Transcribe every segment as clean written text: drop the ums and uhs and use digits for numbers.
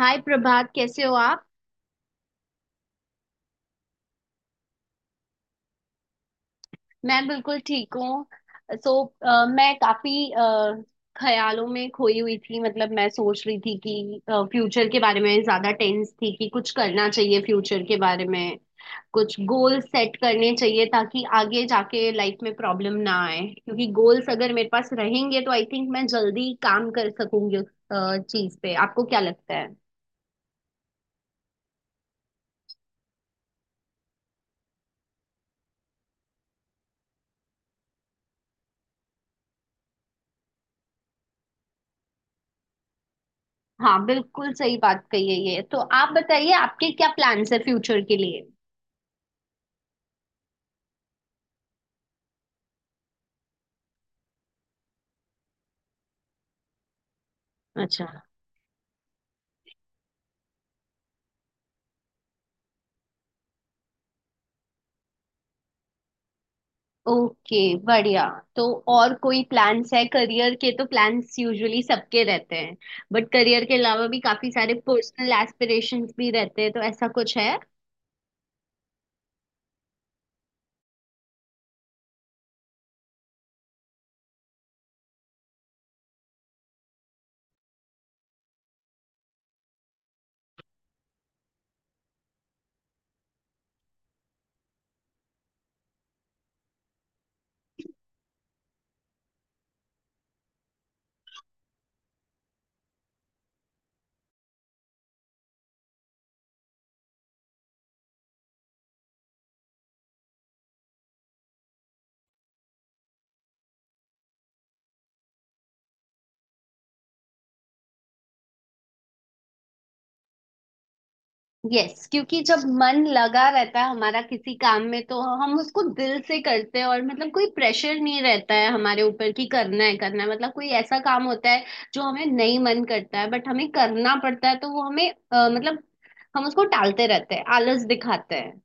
हाय प्रभात, कैसे हो आप? मैं बिल्कुल ठीक हूँ। सो मैं काफी ख्यालों में खोई हुई थी। मतलब मैं सोच रही थी कि फ्यूचर के बारे में ज्यादा टेंस थी कि कुछ करना चाहिए फ्यूचर के बारे में, कुछ गोल सेट करने चाहिए ताकि आगे जाके लाइफ में प्रॉब्लम ना आए, क्योंकि गोल्स अगर मेरे पास रहेंगे तो आई थिंक मैं जल्दी काम कर सकूंगी। उस चीज पे आपको क्या लगता है? हाँ बिल्कुल सही बात कही है, ये तो आप बताइए आपके क्या प्लान्स है फ्यूचर के लिए? अच्छा। ओके, बढ़िया। तो और कोई प्लान्स है करियर के? तो प्लान्स यूजुअली सबके रहते हैं, बट करियर के अलावा भी काफी सारे पर्सनल एस्पिरेशंस भी रहते हैं, तो ऐसा कुछ है? यस, क्योंकि जब मन लगा रहता है हमारा किसी काम में तो हम उसको दिल से करते हैं, और मतलब कोई प्रेशर नहीं रहता है हमारे ऊपर कि करना है करना है। मतलब कोई ऐसा काम होता है जो हमें नहीं मन करता है बट हमें करना पड़ता है तो वो हमें मतलब हम उसको टालते रहते हैं, आलस दिखाते हैं।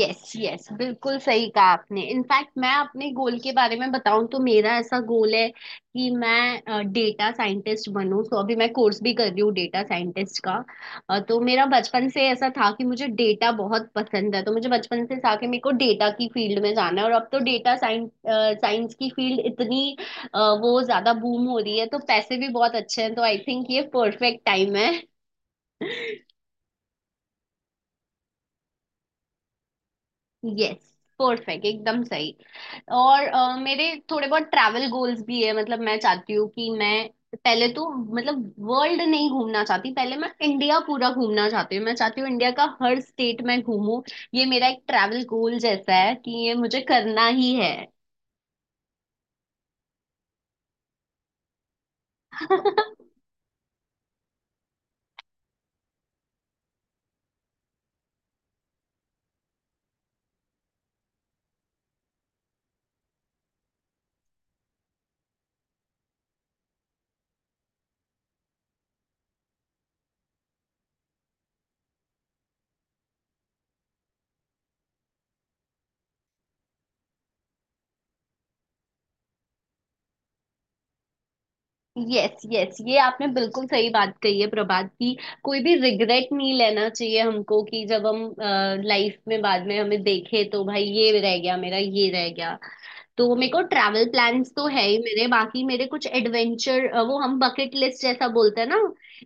यस यस बिल्कुल सही कहा आपने। इनफैक्ट मैं अपने गोल के बारे में बताऊं तो मेरा ऐसा गोल है कि मैं डेटा साइंटिस्ट बनूं, तो अभी मैं कोर्स भी कर रही हूँ डेटा साइंटिस्ट का। तो मेरा बचपन से ऐसा था कि मुझे डेटा बहुत पसंद है, तो मुझे बचपन से था कि मेरे को डेटा की फील्ड में जाना है। और अब तो डेटा साइंस साइंस की फील्ड इतनी वो ज्यादा बूम हो रही है, तो पैसे भी बहुत अच्छे हैं तो आई थिंक ये परफेक्ट टाइम है। यस, परफेक्ट, एकदम सही। और मेरे थोड़े बहुत ट्रैवल गोल्स भी है। मतलब मैं चाहती हूँ कि मैं पहले तो, मतलब, वर्ल्ड नहीं घूमना चाहती, पहले मैं इंडिया पूरा घूमना चाहती हूँ। मैं चाहती हूँ इंडिया का हर स्टेट मैं घूमूं, ये मेरा एक ट्रैवल गोल जैसा है कि ये मुझे करना ही है। यस यस, ये आपने बिल्कुल सही बात कही है प्रभात की। कोई भी रिग्रेट नहीं लेना चाहिए हमको कि जब हम लाइफ में बाद में हमें देखे तो भाई ये रह गया मेरा, ये रह गया। तो मेरे को ट्रैवल प्लान्स तो है ही मेरे, बाकी मेरे कुछ एडवेंचर, वो हम बकेट लिस्ट जैसा बोलते हैं ना,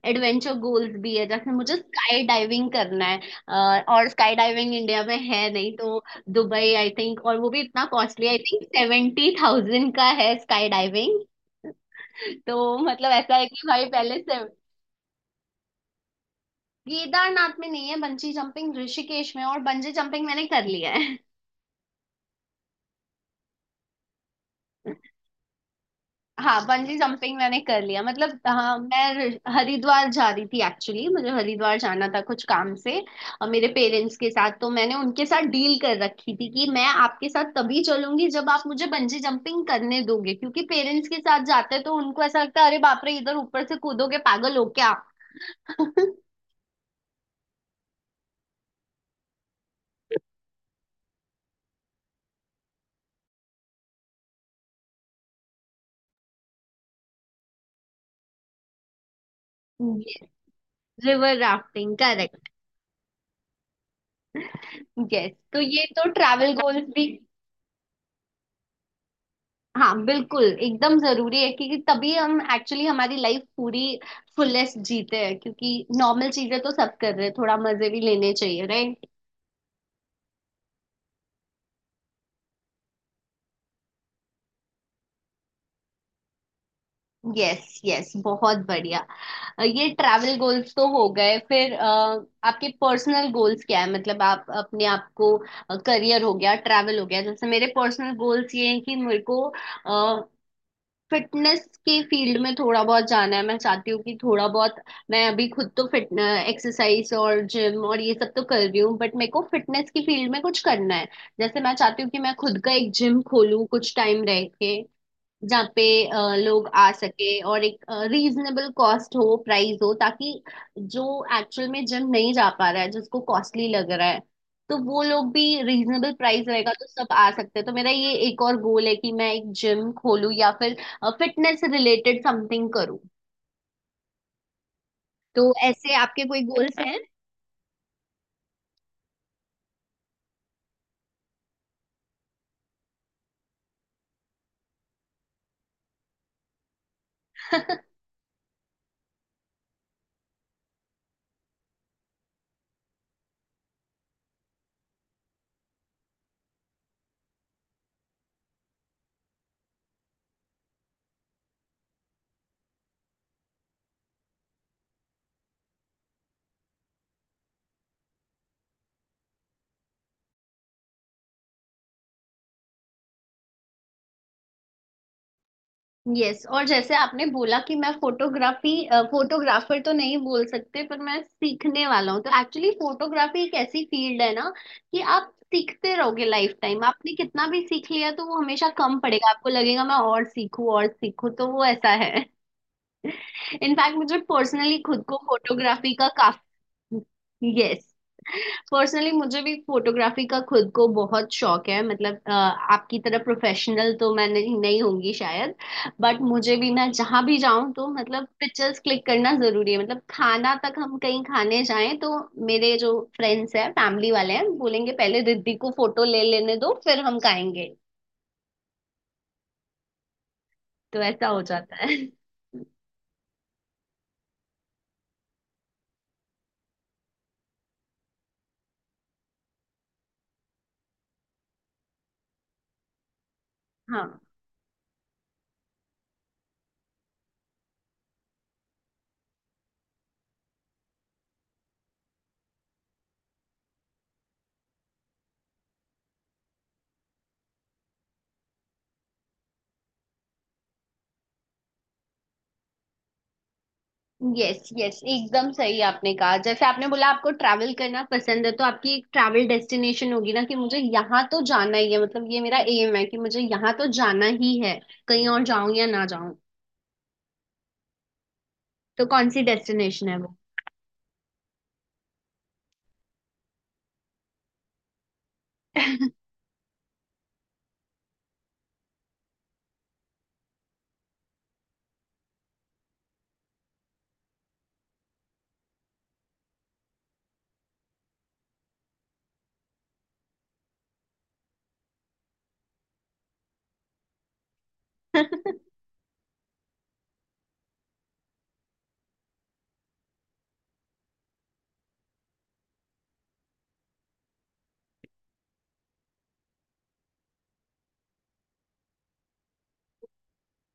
एडवेंचर गोल्स भी है। जैसे मुझे स्काई डाइविंग करना है। और स्काई डाइविंग इंडिया में है नहीं, तो दुबई आई थिंक, और वो भी इतना कॉस्टली, आई थिंक 70,000 का है स्काई डाइविंग। तो मतलब ऐसा है कि भाई पहले से। केदारनाथ में नहीं है बंजी जंपिंग, ऋषिकेश में, और बंजी जंपिंग मैंने कर लिया है। हाँ बंजी जंपिंग मैंने कर लिया, मतलब हाँ, मैं हरिद्वार जा रही थी, एक्चुअली मुझे हरिद्वार जाना था कुछ काम से। और मेरे पेरेंट्स के साथ, तो मैंने उनके साथ डील कर रखी थी कि मैं आपके साथ तभी चलूंगी जब आप मुझे बंजी जंपिंग करने दोगे, क्योंकि पेरेंट्स के साथ जाते तो उनको ऐसा लगता है अरे बाप रे इधर ऊपर से कूदोगे, पागल हो क्या? River rafting, correct. यस, तो ये तो ट्रैवल गोल्स भी। हाँ बिल्कुल एकदम जरूरी है, क्योंकि तभी हम एक्चुअली हमारी लाइफ पूरी फुलेस्ट जीते हैं, क्योंकि नॉर्मल चीजें तो सब कर रहे हैं, थोड़ा मजे भी लेने चाहिए, राइट? यस यस, बहुत बढ़िया। ये ट्रैवल गोल्स तो हो गए, फिर आपके पर्सनल गोल्स क्या है? मतलब आप अपने आप को, करियर हो गया, ट्रैवल हो गया, जैसे मेरे पर्सनल गोल्स ये हैं कि मेरे को फिटनेस के फील्ड में थोड़ा बहुत जाना है। मैं चाहती हूँ कि थोड़ा बहुत, मैं अभी खुद तो फिट, एक्सरसाइज और जिम और ये सब तो कर रही हूँ, बट मेरे को फिटनेस की फील्ड में कुछ करना है। जैसे मैं चाहती हूँ कि मैं खुद का एक जिम खोलूँ कुछ टाइम रह के, जहाँ पे लोग आ सके, और एक रीजनेबल कॉस्ट हो, प्राइस हो, ताकि जो एक्चुअल में जिम नहीं जा पा रहा है, जिसको कॉस्टली लग रहा है, तो वो लोग भी, रीजनेबल प्राइस रहेगा तो सब आ सकते हैं। तो मेरा ये एक और गोल है कि मैं एक जिम खोलूँ या फिर फिटनेस रिलेटेड समथिंग करूँ। तो ऐसे आपके कोई गोल्स हैं? यस, और जैसे आपने बोला कि मैं फोटोग्राफी, फोटोग्राफर तो नहीं बोल सकते पर मैं सीखने वाला हूँ, तो एक्चुअली फोटोग्राफी एक ऐसी फील्ड है ना कि आप सीखते रहोगे लाइफ टाइम। आपने कितना भी सीख लिया तो वो हमेशा कम पड़ेगा, आपको लगेगा मैं और सीखूं और सीखूं, तो वो ऐसा है। इनफैक्ट मुझे पर्सनली खुद को फोटोग्राफी का काफी, यस, पर्सनली मुझे भी फोटोग्राफी का खुद को बहुत शौक है। मतलब आपकी तरह प्रोफेशनल तो मैं नहीं, नहीं होंगी शायद, बट मुझे भी, मैं जहां भी जाऊं तो मतलब पिक्चर्स क्लिक करना जरूरी है। मतलब खाना तक, हम कहीं खाने जाएं तो मेरे जो फ्रेंड्स हैं फैमिली वाले हैं बोलेंगे पहले रिद्धि को फोटो ले लेने दो फिर हम खाएंगे। तो ऐसा हो जाता है। हाँ। यस यस एकदम सही आपने कहा, जैसे आपने बोला आपको ट्रैवल करना पसंद है तो आपकी एक ट्रैवल डेस्टिनेशन होगी ना कि मुझे यहाँ तो जाना ही है, मतलब ये मेरा एम है कि मुझे यहाँ तो जाना ही है, कहीं और जाऊं या ना जाऊं। तो कौन सी डेस्टिनेशन है वो?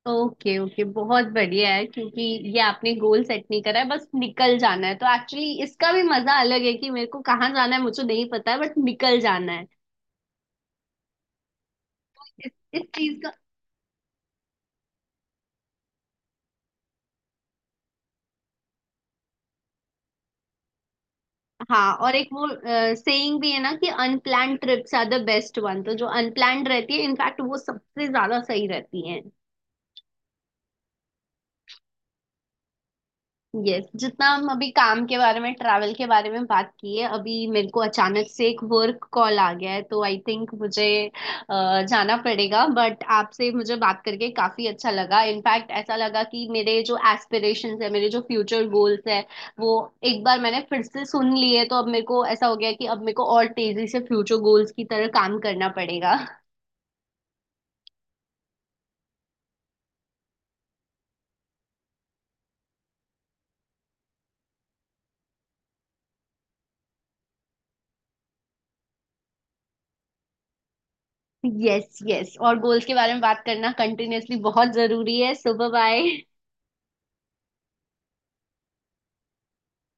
ओके ओके, बहुत बढ़िया है, क्योंकि ये आपने गोल सेट नहीं करा है, बस निकल जाना है, तो एक्चुअली इसका भी मजा अलग है कि मेरे को कहाँ जाना है मुझे नहीं पता है बट निकल जाना है। इस चीज का, हाँ। और एक वो सेइंग भी है ना कि unplanned trips are the best one, तो जो अनप्लान्ड रहती है इनफैक्ट वो सबसे ज्यादा सही रहती है। यस, जितना हम अभी काम के बारे में, ट्रैवल के बारे में बात की है, अभी मेरे को अचानक से एक वर्क कॉल आ गया है तो आई थिंक मुझे जाना पड़ेगा। बट आपसे मुझे बात करके काफी अच्छा लगा, इनफैक्ट ऐसा लगा कि मेरे जो एस्पिरेशंस है, मेरे जो फ्यूचर गोल्स है वो एक बार मैंने फिर से सुन लिए, तो अब मेरे को ऐसा हो गया कि अब मेरे को और तेजी से फ्यूचर गोल्स की तरह काम करना पड़ेगा। यस यस, और गोल्स के बारे में बात करना कंटिन्यूअसली बहुत जरूरी है। सुबह बाय।